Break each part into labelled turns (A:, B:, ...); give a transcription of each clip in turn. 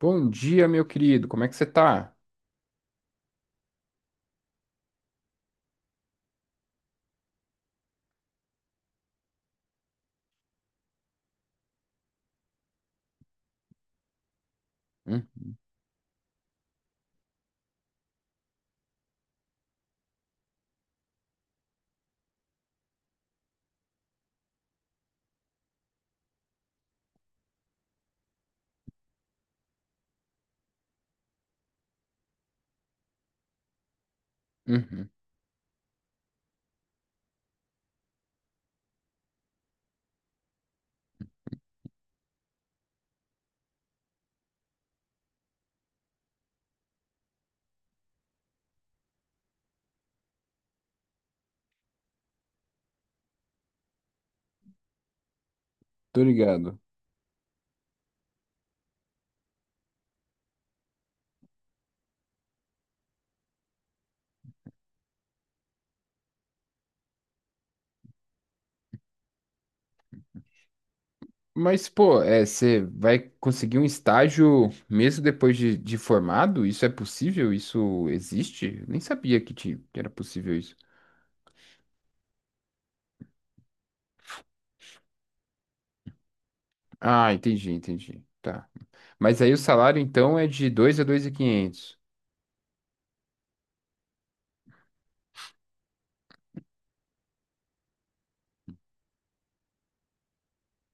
A: Bom dia, meu querido. Como é que você tá? Uhum, uhum. Tô ligado. Mas, pô, você vai conseguir um estágio mesmo depois de formado? Isso é possível? Isso existe? Eu nem sabia que, tinha, que era possível isso. Ah, entendi, entendi. Tá. Mas aí o salário, então, é de 2 a 2.500.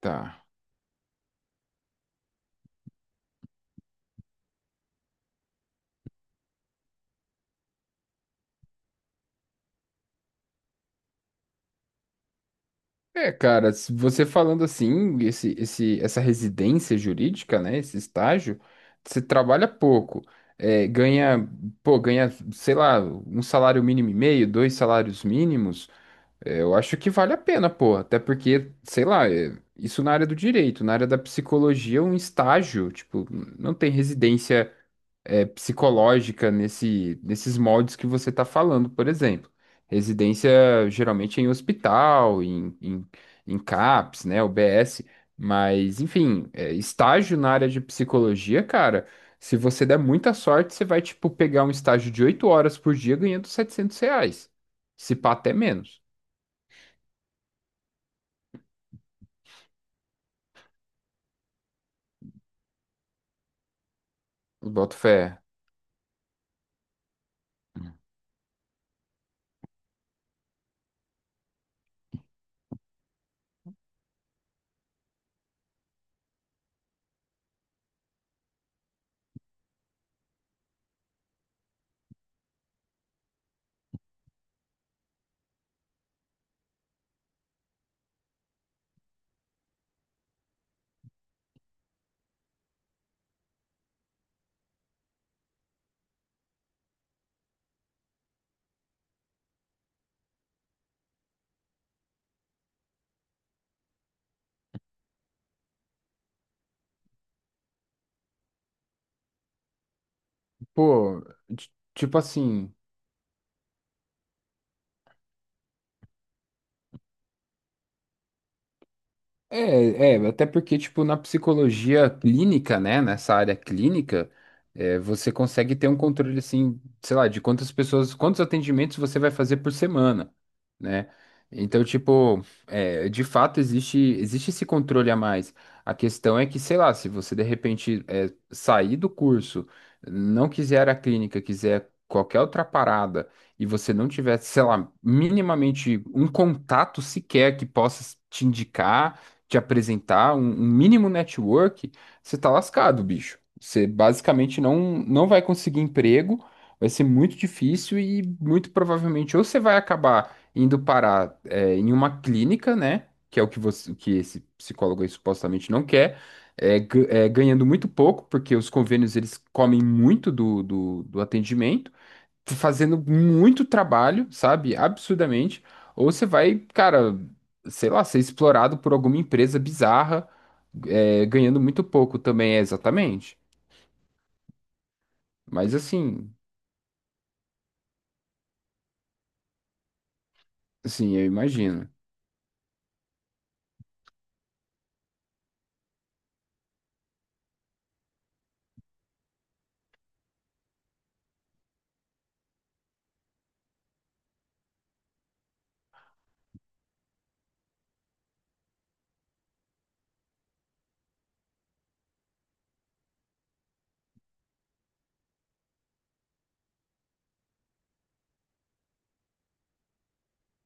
A: Tá. É, cara, se você falando assim, essa residência jurídica, né, esse estágio, você trabalha pouco, é, ganha, pô, ganha, sei lá, um salário mínimo e meio, dois salários mínimos, eu acho que vale a pena, pô, até porque, sei lá, isso na área do direito, na área da psicologia, um estágio, tipo, não tem residência psicológica nesses moldes que você está falando, por exemplo. Residência geralmente é em hospital, em CAPS, né, UBS, mas enfim, estágio na área de psicologia, cara, se você der muita sorte, você vai, tipo, pegar um estágio de 8 horas por dia ganhando 700 reais, se pá até menos, boto fé. Pô, tipo assim. É, é, até porque, tipo, na psicologia clínica, né, nessa área clínica, você consegue ter um controle, assim, sei lá, de quantas pessoas, quantos atendimentos você vai fazer por semana, né? Então, tipo, de fato existe esse controle a mais. A questão é que, sei lá, se você de repente sair do curso, não quiser a clínica, quiser qualquer outra parada, e você não tiver, sei lá, minimamente um contato sequer que possa te indicar te apresentar um mínimo network, você tá lascado, bicho. Você basicamente não vai conseguir emprego, vai ser muito difícil e muito provavelmente ou você vai acabar indo parar em uma clínica, né? Que é o que esse psicólogo aí supostamente não quer, ganhando muito pouco, porque os convênios eles comem muito do atendimento fazendo muito trabalho, sabe? Absurdamente. Ou você vai, cara, sei lá, ser explorado por alguma empresa bizarra, ganhando muito pouco também, é exatamente. Mas assim, eu imagino.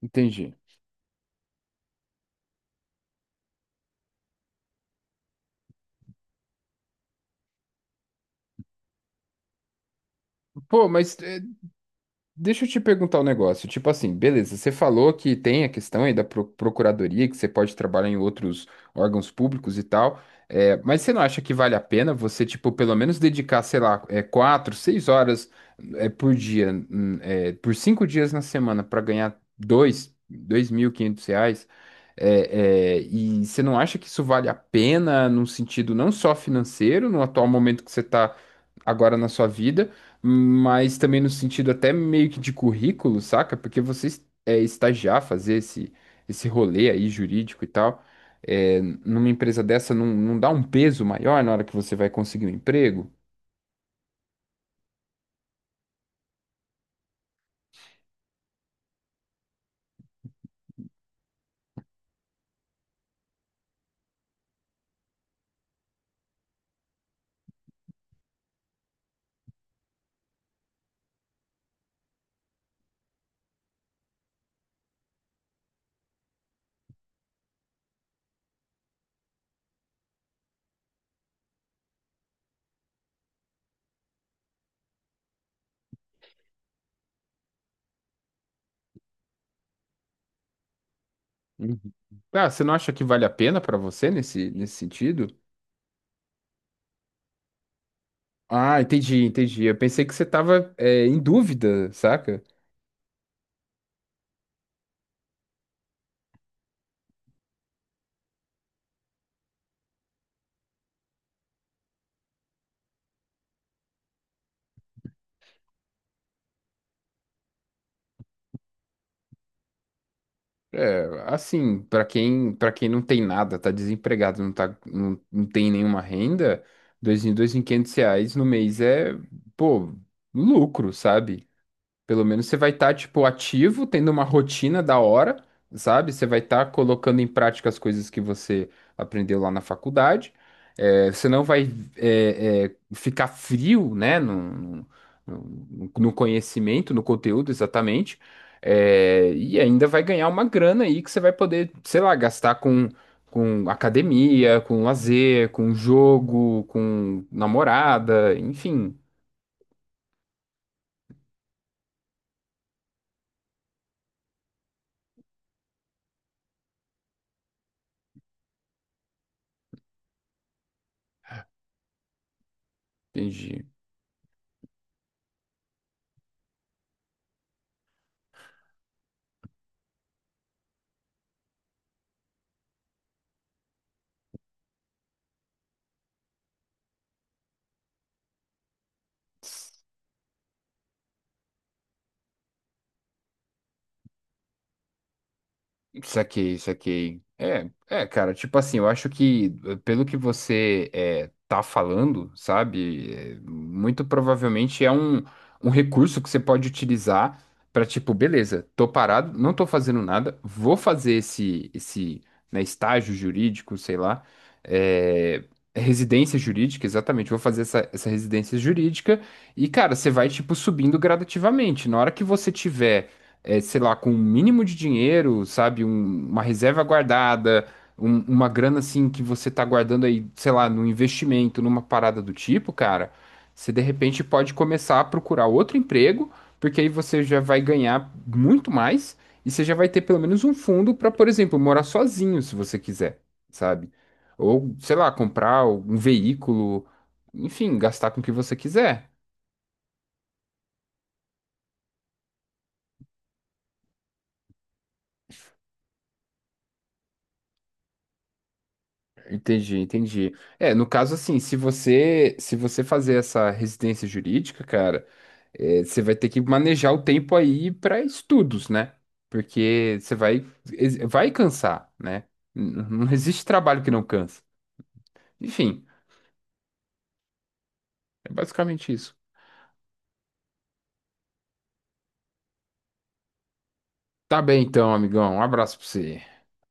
A: Entendi. Pô, deixa eu te perguntar um negócio. Tipo assim, beleza, você falou que tem a questão aí da procuradoria, que você pode trabalhar em outros órgãos públicos e tal, mas você não acha que vale a pena você, tipo, pelo menos dedicar, sei lá, 4, 6 horas por dia, por 5 dias na semana para ganhar 2.500 reais? É, é, e você não acha que isso vale a pena num sentido não só financeiro, no atual momento que você está agora na sua vida? Mas também no sentido até meio que de currículo, saca? Porque você estagiar, fazer esse rolê aí jurídico e tal, numa empresa dessa não dá um peso maior na hora que você vai conseguir um emprego? Uhum. Ah, você não acha que vale a pena pra você nesse sentido? Ah, entendi, entendi. Eu pensei que você tava, em dúvida, saca? Assim, para quem não tem nada, tá desempregado, não tem nenhuma renda, dois em 500 reais no mês pô, lucro, sabe? Pelo menos você vai estar, tipo, ativo, tendo uma rotina da hora, sabe? Você vai estar colocando em prática as coisas que você aprendeu lá na faculdade. É, você não vai ficar frio, né? No, no conhecimento, no conteúdo, exatamente. É, e ainda vai ganhar uma grana aí que você vai poder, sei lá, gastar com academia, com lazer, com jogo, com namorada, enfim. Entendi. Saquei, saquei. É, é, cara, tipo assim, eu acho que pelo que você tá falando, sabe, muito provavelmente é um recurso que você pode utilizar para tipo, beleza, tô parado, não tô fazendo nada, vou fazer esse, né, estágio jurídico, sei lá, eh, residência jurídica, exatamente, vou fazer essa residência jurídica e, cara, você vai, tipo, subindo gradativamente. Na hora que você tiver sei lá, com um mínimo de dinheiro, sabe? Uma reserva guardada, uma grana assim que você tá guardando aí, sei lá, num investimento, numa parada do tipo, cara, você de repente pode começar a procurar outro emprego, porque aí você já vai ganhar muito mais e você já vai ter pelo menos um fundo para, por exemplo, morar sozinho, se você quiser, sabe? Ou, sei lá, comprar um veículo, enfim, gastar com o que você quiser. Entendi, entendi. É, no caso assim, se você fazer essa residência jurídica, cara, você vai ter que manejar o tempo aí para estudos, né? Porque você vai cansar, né? Não existe trabalho que não cansa. Enfim, é basicamente isso. Tá bem então, amigão. Um abraço para você.